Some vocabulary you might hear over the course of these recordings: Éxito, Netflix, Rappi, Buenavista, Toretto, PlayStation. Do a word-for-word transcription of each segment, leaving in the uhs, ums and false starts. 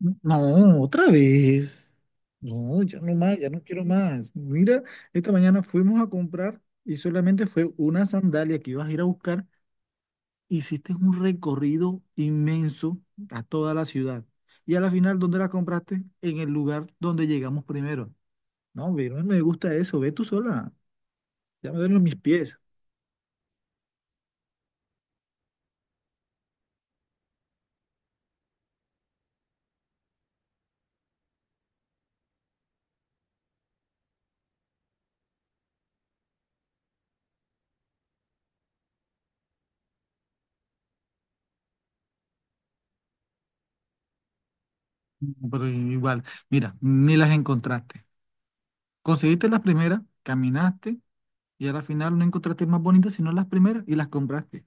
No, otra vez. No, ya no más, ya no quiero más. Mira, esta mañana fuimos a comprar y solamente fue una sandalia que ibas a ir a buscar. Hiciste un recorrido inmenso a toda la ciudad. Y a la final, ¿dónde la compraste? En el lugar donde llegamos primero. No, ve, no me gusta eso. Ve tú sola. Ya me duelen mis pies. No, pero igual, mira, ni las encontraste. Conseguiste las primeras, caminaste y a la final no encontraste más bonitas sino las primeras y las compraste.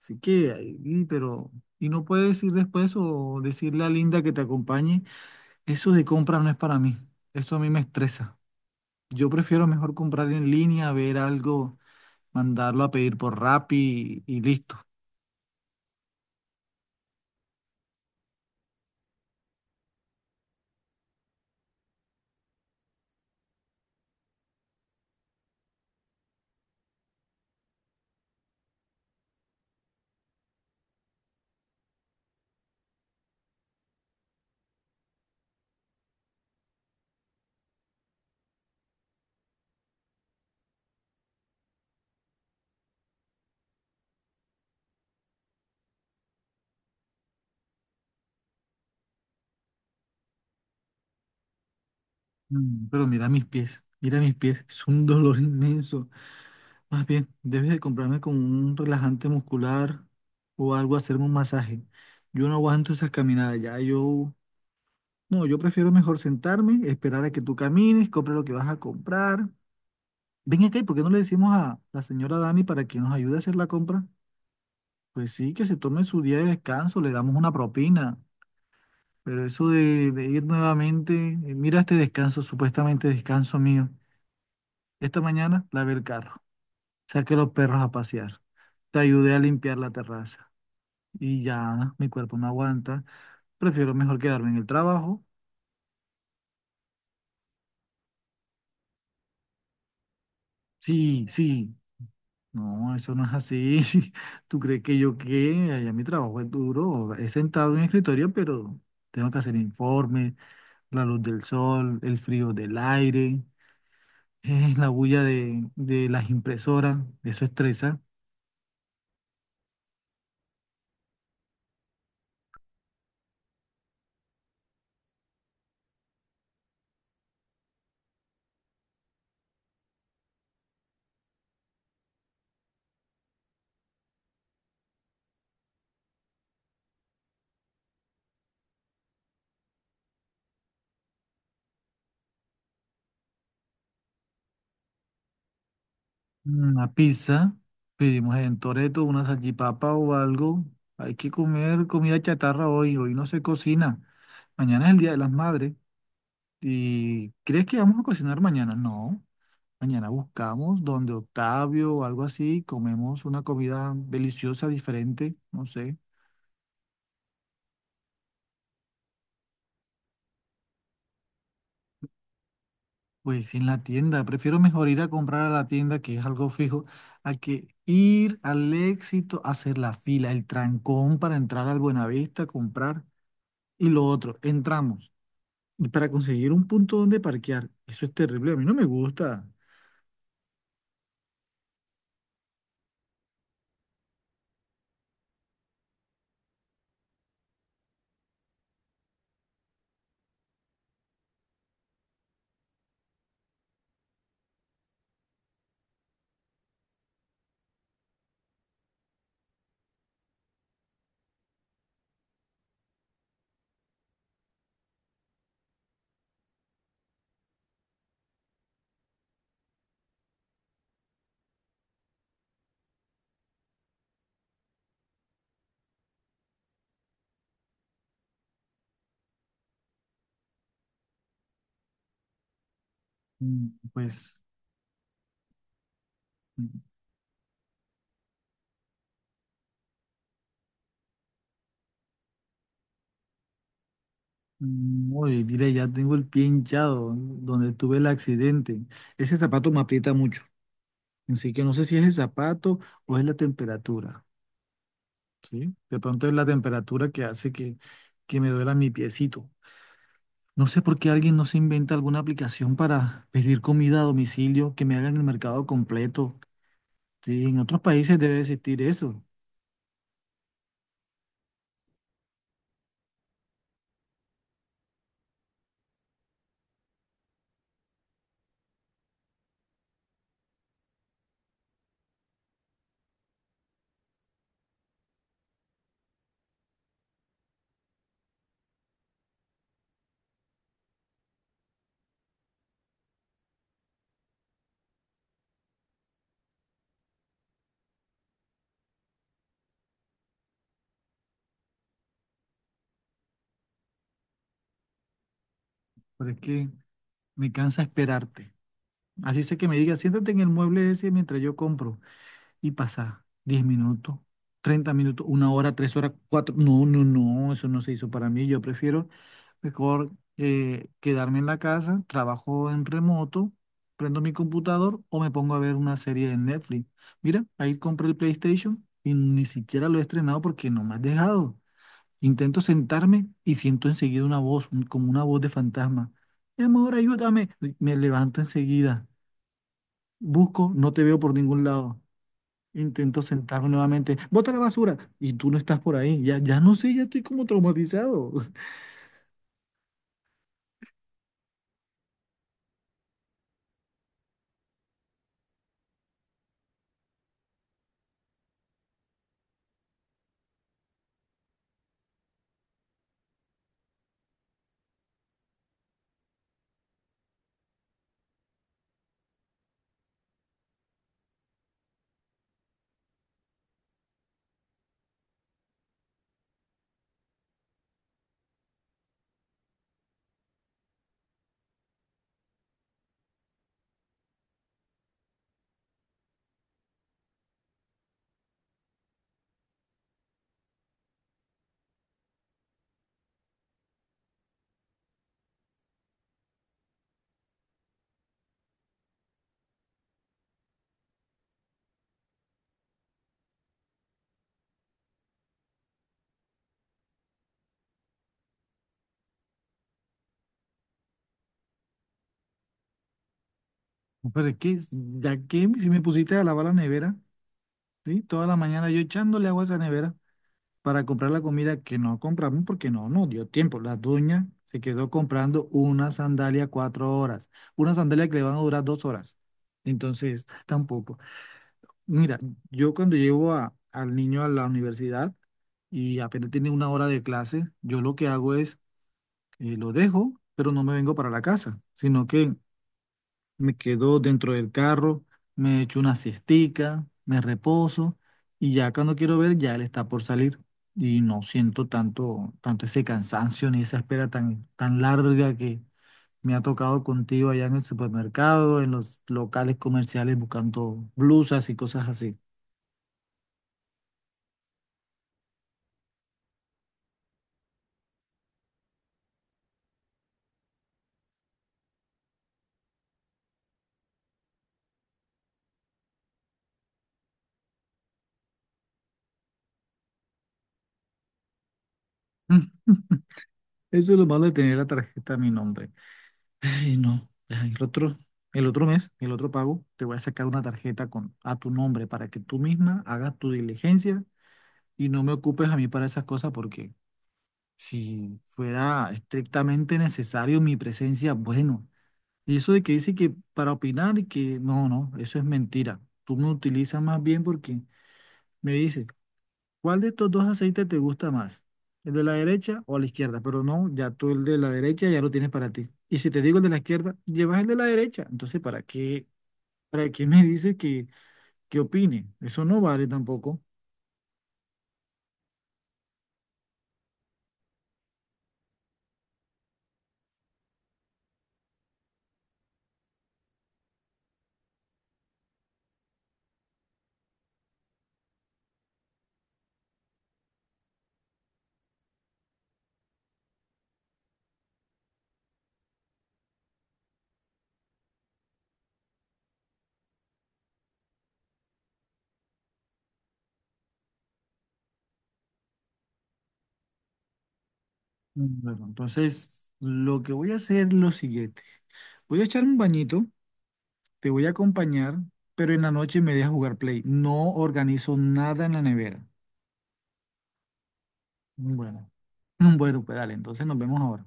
Así que ahí, pero. Y no puedes ir después o decirle a Linda que te acompañe. Eso de compras no es para mí. Eso a mí me estresa. Yo prefiero mejor comprar en línea, ver algo, mandarlo a pedir por Rappi y, y listo. Mm, Pero mira mis pies, mira mis pies. Es un dolor inmenso. Más bien, debes de comprarme con un relajante muscular o algo, hacerme un masaje. Yo no aguanto esas caminadas ya. Yo, no, yo prefiero mejor sentarme, esperar a que tú camines, compra lo que vas a comprar. Ven acá, ¿y por qué no le decimos a la señora Dani para que nos ayude a hacer la compra? Pues sí, que se tome su día de descanso, le damos una propina. Pero eso de, de ir nuevamente, eh, mira este descanso, supuestamente descanso mío. Esta mañana lavé el carro, saqué los perros a pasear, te ayudé a limpiar la terraza y ya mi cuerpo no aguanta. Prefiero mejor quedarme en el trabajo. Sí, sí, no, eso no es así. ¿Tú crees que yo qué? Allá mi trabajo es duro. He sentado en el escritorio, pero tengo que hacer informes, la luz del sol, el frío del aire, eh, la bulla de, de las impresoras. Eso estresa. Una pizza, pedimos en Toretto una salchipapa o algo. Hay que comer comida chatarra hoy. Hoy no se cocina. Mañana es el Día de las Madres. ¿Y crees que vamos a cocinar mañana? No. Mañana buscamos donde Octavio o algo así, comemos una comida deliciosa, diferente, no sé. Pues en la tienda, prefiero mejor ir a comprar a la tienda, que es algo fijo, a que ir al Éxito a hacer la fila, el trancón para entrar al Buenavista a comprar. Y lo otro, entramos. Y para conseguir un punto donde parquear, eso es terrible, a mí no me gusta. Mm, Pues, mm, mm, oye, mira, ya tengo el pie hinchado donde tuve el accidente. Ese zapato me aprieta mucho. Así que no sé si es el zapato o es la temperatura, ¿sí? De pronto es la temperatura que hace que, que me duela mi piecito. No sé por qué alguien no se inventa alguna aplicación para pedir comida a domicilio, que me hagan el mercado completo. Sí, en otros países debe existir eso, pero es que me cansa esperarte. Así sé que me diga, siéntate en el mueble ese mientras yo compro. Y pasa diez minutos, treinta minutos, una hora, tres horas, cuatro. No, no, no, eso no se hizo para mí. Yo prefiero mejor eh, quedarme en la casa, trabajo en remoto, prendo mi computador o me pongo a ver una serie en Netflix. Mira, ahí compré el PlayStation y ni siquiera lo he estrenado porque no me has dejado. Intento sentarme y siento enseguida una voz, un- como una voz de fantasma. Mi amor, ayúdame. Me levanto enseguida. Busco, no te veo por ningún lado. Intento sentarme nuevamente. Bota la basura. Y tú no estás por ahí. Ya, ya no sé, ya estoy como traumatizado. Pero es que, ya que si me pusiste a lavar la nevera, ¿sí? Toda la mañana yo echándole agua a esa nevera para comprar la comida que no compramos porque no no dio tiempo. La dueña se quedó comprando una sandalia cuatro horas. Una sandalia que le van a durar dos horas. Entonces, tampoco. Mira, yo cuando llevo a- al niño a la universidad y apenas tiene una hora de clase, yo lo que hago es eh, lo dejo, pero no me vengo para la casa, sino que me quedo dentro del carro, me echo una siestica, me reposo y ya cuando quiero ver ya él está por salir y no siento tanto, tanto ese cansancio ni esa espera tan, tan larga que me ha tocado contigo allá en el supermercado, en los locales comerciales buscando blusas y cosas así. Mm, Eso es lo malo de tener la tarjeta a mi nombre. Ay, no. Ya, El otro, el otro mes, el otro pago, te voy a sacar una tarjeta con, a tu nombre para que tú misma hagas tu diligencia y no me ocupes a mí para esas cosas porque si fuera estrictamente necesario mi presencia, bueno. Y eso de que dice que para opinar y que no, no, eso es mentira. Tú me utilizas más bien porque me dices, ¿cuál de estos dos aceites te gusta más? ¿El de la derecha o la izquierda? Pero no, ya tú el de la derecha ya lo tienes para ti. Y si te digo el de la izquierda, llevas el de la derecha. Entonces, ¿para qué, para qué me dices que, que opine? Eso no vale tampoco. Mm, Bueno, entonces, lo que voy a hacer es lo siguiente. Voy a echar un bañito, te voy a acompañar, pero en la noche me dejas jugar play. No organizo nada en la nevera. Bueno, bueno, pues dale, entonces nos vemos ahora.